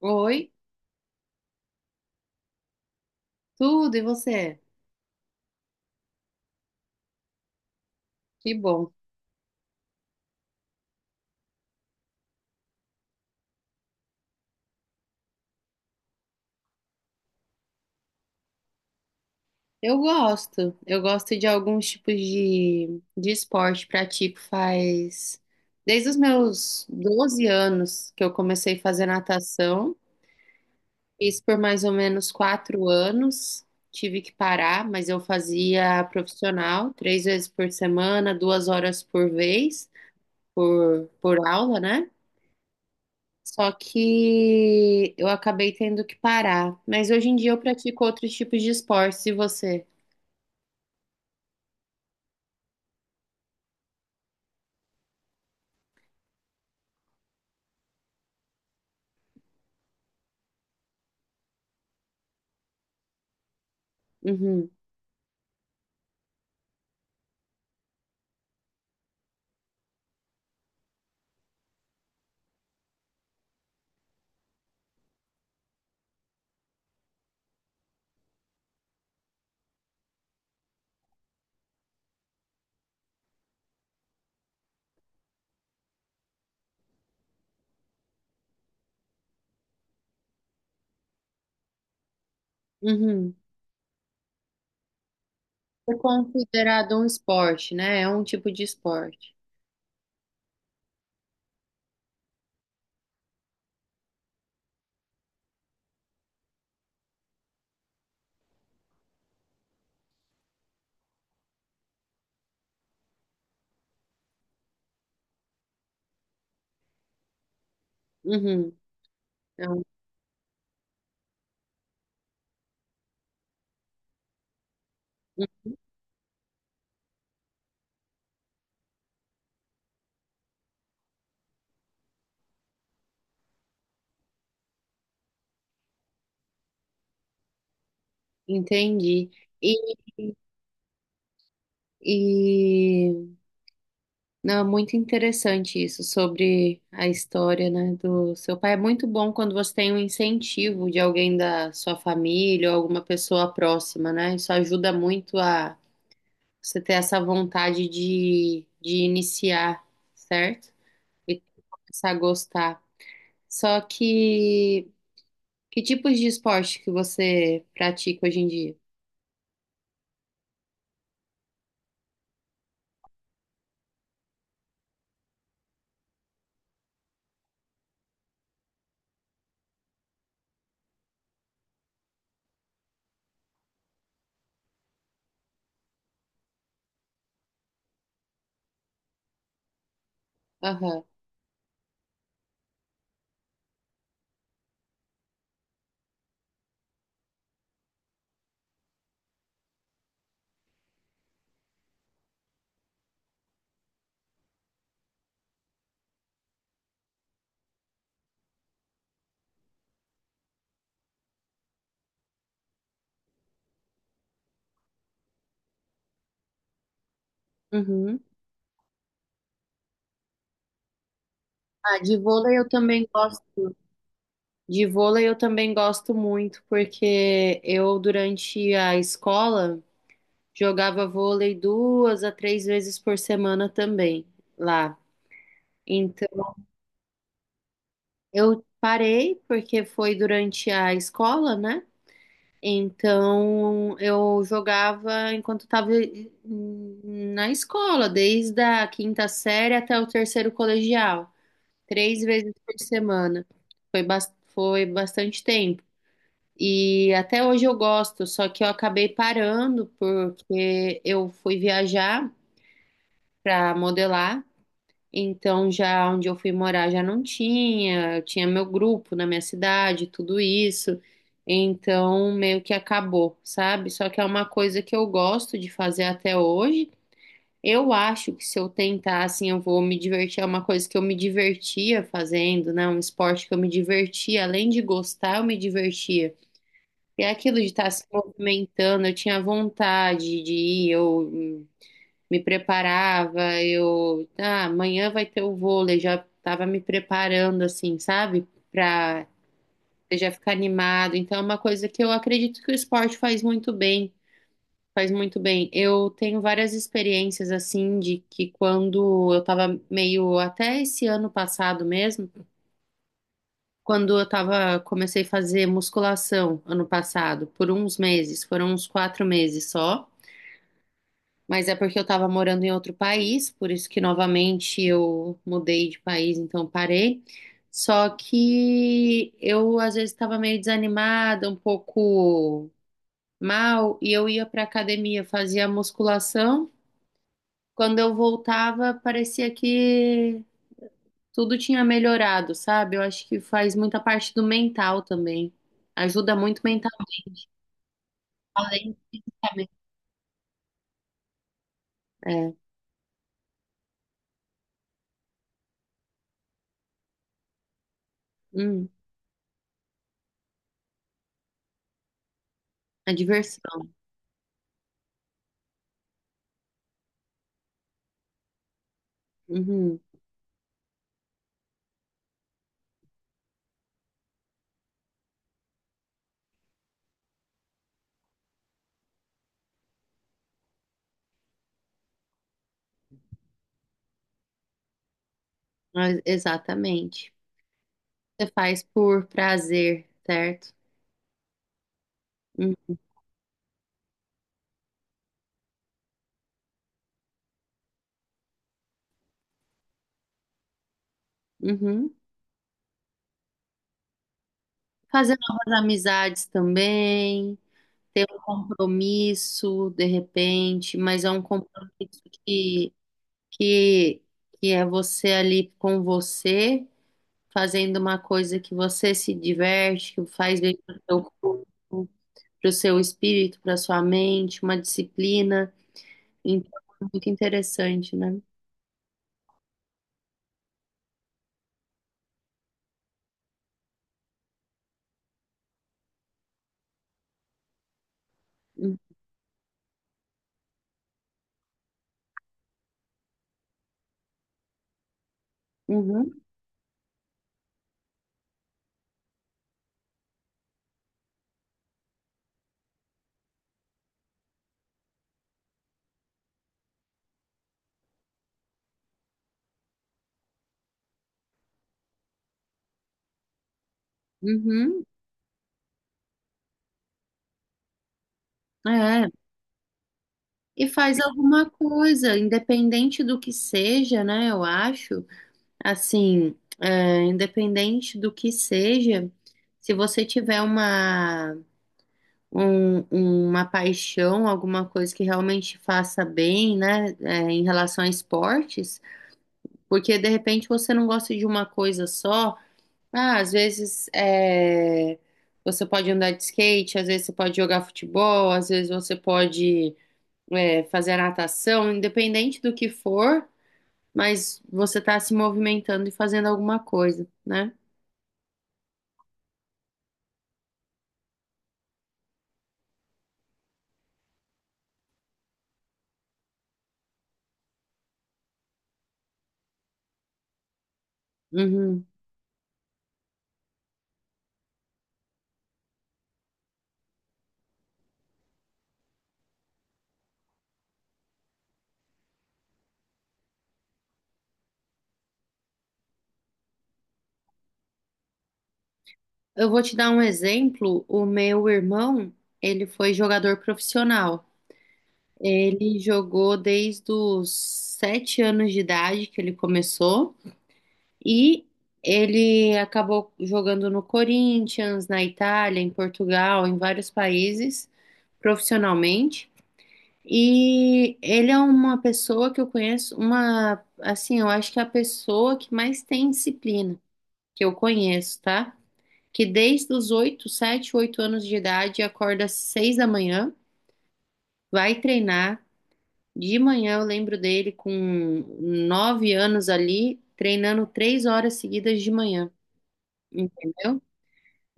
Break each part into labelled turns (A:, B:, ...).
A: Oi, tudo, e você? Que bom. Eu gosto de alguns tipos de esporte, pratico faz desde os meus 12 anos que eu comecei a fazer natação, fiz por mais ou menos 4 anos, tive que parar, mas eu fazia profissional, três vezes por semana, 2 horas por vez, por aula, né? Só que eu acabei tendo que parar. Mas hoje em dia eu pratico outros tipos de esportes, e você? Uhum, uhum. É considerado um esporte, né? É um tipo de esporte. Uhum. Então, entendi. E, e não, é muito interessante isso sobre a história, né, do seu pai. É muito bom quando você tem um incentivo de alguém da sua família ou alguma pessoa próxima, né? Isso ajuda muito a você ter essa vontade de iniciar, certo? E começar a gostar. Só que tipos de esporte que você pratica hoje em dia? Aham. Uhum. Ah, de vôlei eu também gosto. De vôlei eu também gosto muito, porque eu, durante a escola, jogava vôlei duas a três vezes por semana também lá. Então, eu parei, porque foi durante a escola, né? Então, eu jogava enquanto estava na escola, desde a 5ª série até o terceiro colegial, três vezes por semana. Foi bastante tempo. E até hoje eu gosto, só que eu acabei parando porque eu fui viajar para modelar. Então, já onde eu fui morar já não tinha, tinha meu grupo na minha cidade, tudo isso. Então, meio que acabou, sabe? Só que é uma coisa que eu gosto de fazer até hoje. Eu acho que se eu tentar, assim, eu vou me divertir. É uma coisa que eu me divertia fazendo, né? Um esporte que eu me divertia. Além de gostar, eu me divertia. E é aquilo de estar se movimentando, eu tinha vontade de ir, eu me preparava, eu, ah, amanhã vai ter o vôlei, já estava me preparando assim, sabe? Para já ficar animado. Então é uma coisa que eu acredito que o esporte faz muito bem, faz muito bem. Eu tenho várias experiências assim de que quando eu estava meio até esse ano passado mesmo, quando eu tava comecei a fazer musculação ano passado, por uns meses, foram uns 4 meses só. Mas é porque eu estava morando em outro país, por isso que novamente eu mudei de país, então parei. Só que eu às vezes estava meio desanimada, um pouco mal, e eu ia para academia, fazia musculação. Quando eu voltava, parecia que tudo tinha melhorado, sabe? Eu acho que faz muita parte do mental também. Ajuda muito mental, além de- saber- é, hum, a diversão. Uhum, exatamente. Você faz por prazer, certo? Hum, Uhum. Fazer novas amizades também, ter um compromisso de repente, mas é um compromisso que, que é você ali com você, fazendo uma coisa que você se diverte, que faz bem para o seu corpo, para o seu espírito, para a sua mente, uma disciplina. Então, é muito interessante, né? Uhum, uhum. Uhum. É, e faz alguma coisa, independente do que seja, né? Eu acho, assim, é, independente do que seja, se você tiver uma, um- uma paixão, alguma coisa que realmente faça bem, né? É, em relação a esportes, porque de repente você não gosta de uma coisa só. Ah, às vezes é, você pode andar de skate, às vezes você pode jogar futebol, às vezes você pode é, fazer a natação, independente do que for, mas você está se movimentando e fazendo alguma coisa, né? Uhum. Eu vou te dar um exemplo. O meu irmão, ele foi jogador profissional. Ele jogou desde os 7 anos de idade que ele começou e ele acabou jogando no Corinthians, na Itália, em Portugal, em vários países profissionalmente. E ele é uma pessoa que eu conheço, uma, assim, eu acho que é a pessoa que mais tem disciplina que eu conheço, tá? Que desde os 8, 7, 8 anos de idade acorda às 6 da manhã, vai treinar. De manhã eu lembro dele com 9 anos ali, treinando 3 horas seguidas de manhã, entendeu?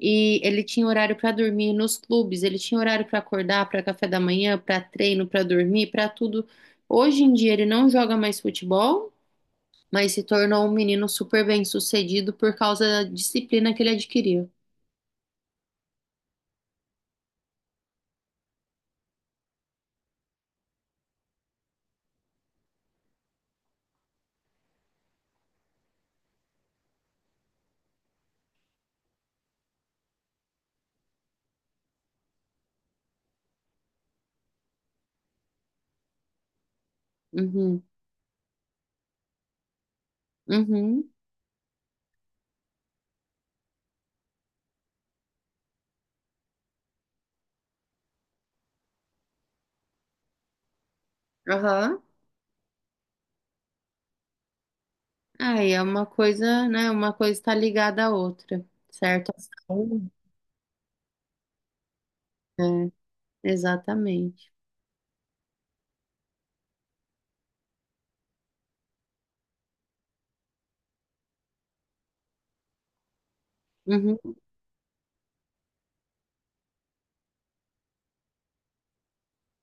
A: E ele tinha horário para dormir nos clubes, ele tinha horário para acordar, para café da manhã, para treino, para dormir, para tudo. Hoje em dia ele não joga mais futebol, mas se tornou um menino super bem-sucedido por causa da disciplina que ele adquiriu. Uhum, uhum, aham. Aí é uma coisa, né? Uma coisa está ligada à outra, certo? A saúde, é, exatamente. Uhum,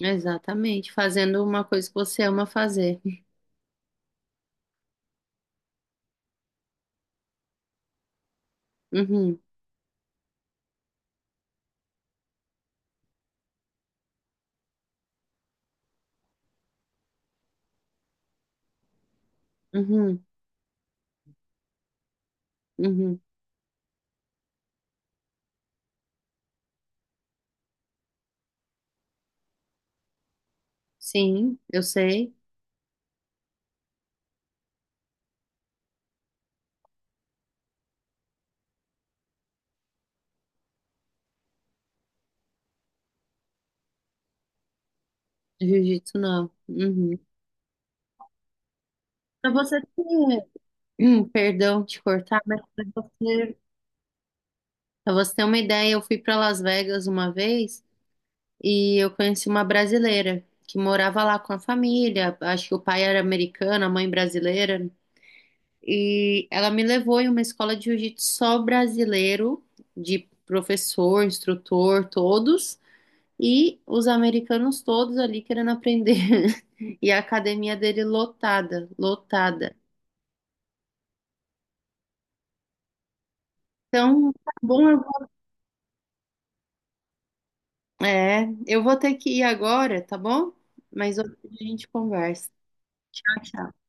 A: exatamente. Fazendo uma coisa que você ama fazer. Uhum, uhum, uhum. Sim, eu sei. Jiu-jitsu não. Uhum. Pra você ter, hum, perdão te cortar, pra você ter uma ideia, eu fui pra Las Vegas uma vez e eu conheci uma brasileira que morava lá com a família. Acho que o pai era americano, a mãe brasileira. E ela me levou em uma escola de jiu-jitsu só brasileiro, de professor, instrutor, todos. E os americanos todos ali querendo aprender. E a academia dele lotada, lotada. Então, tá bom, eu vou... É, eu vou ter que ir agora, tá bom? Mas outra a gente conversa. Tchau, tchau.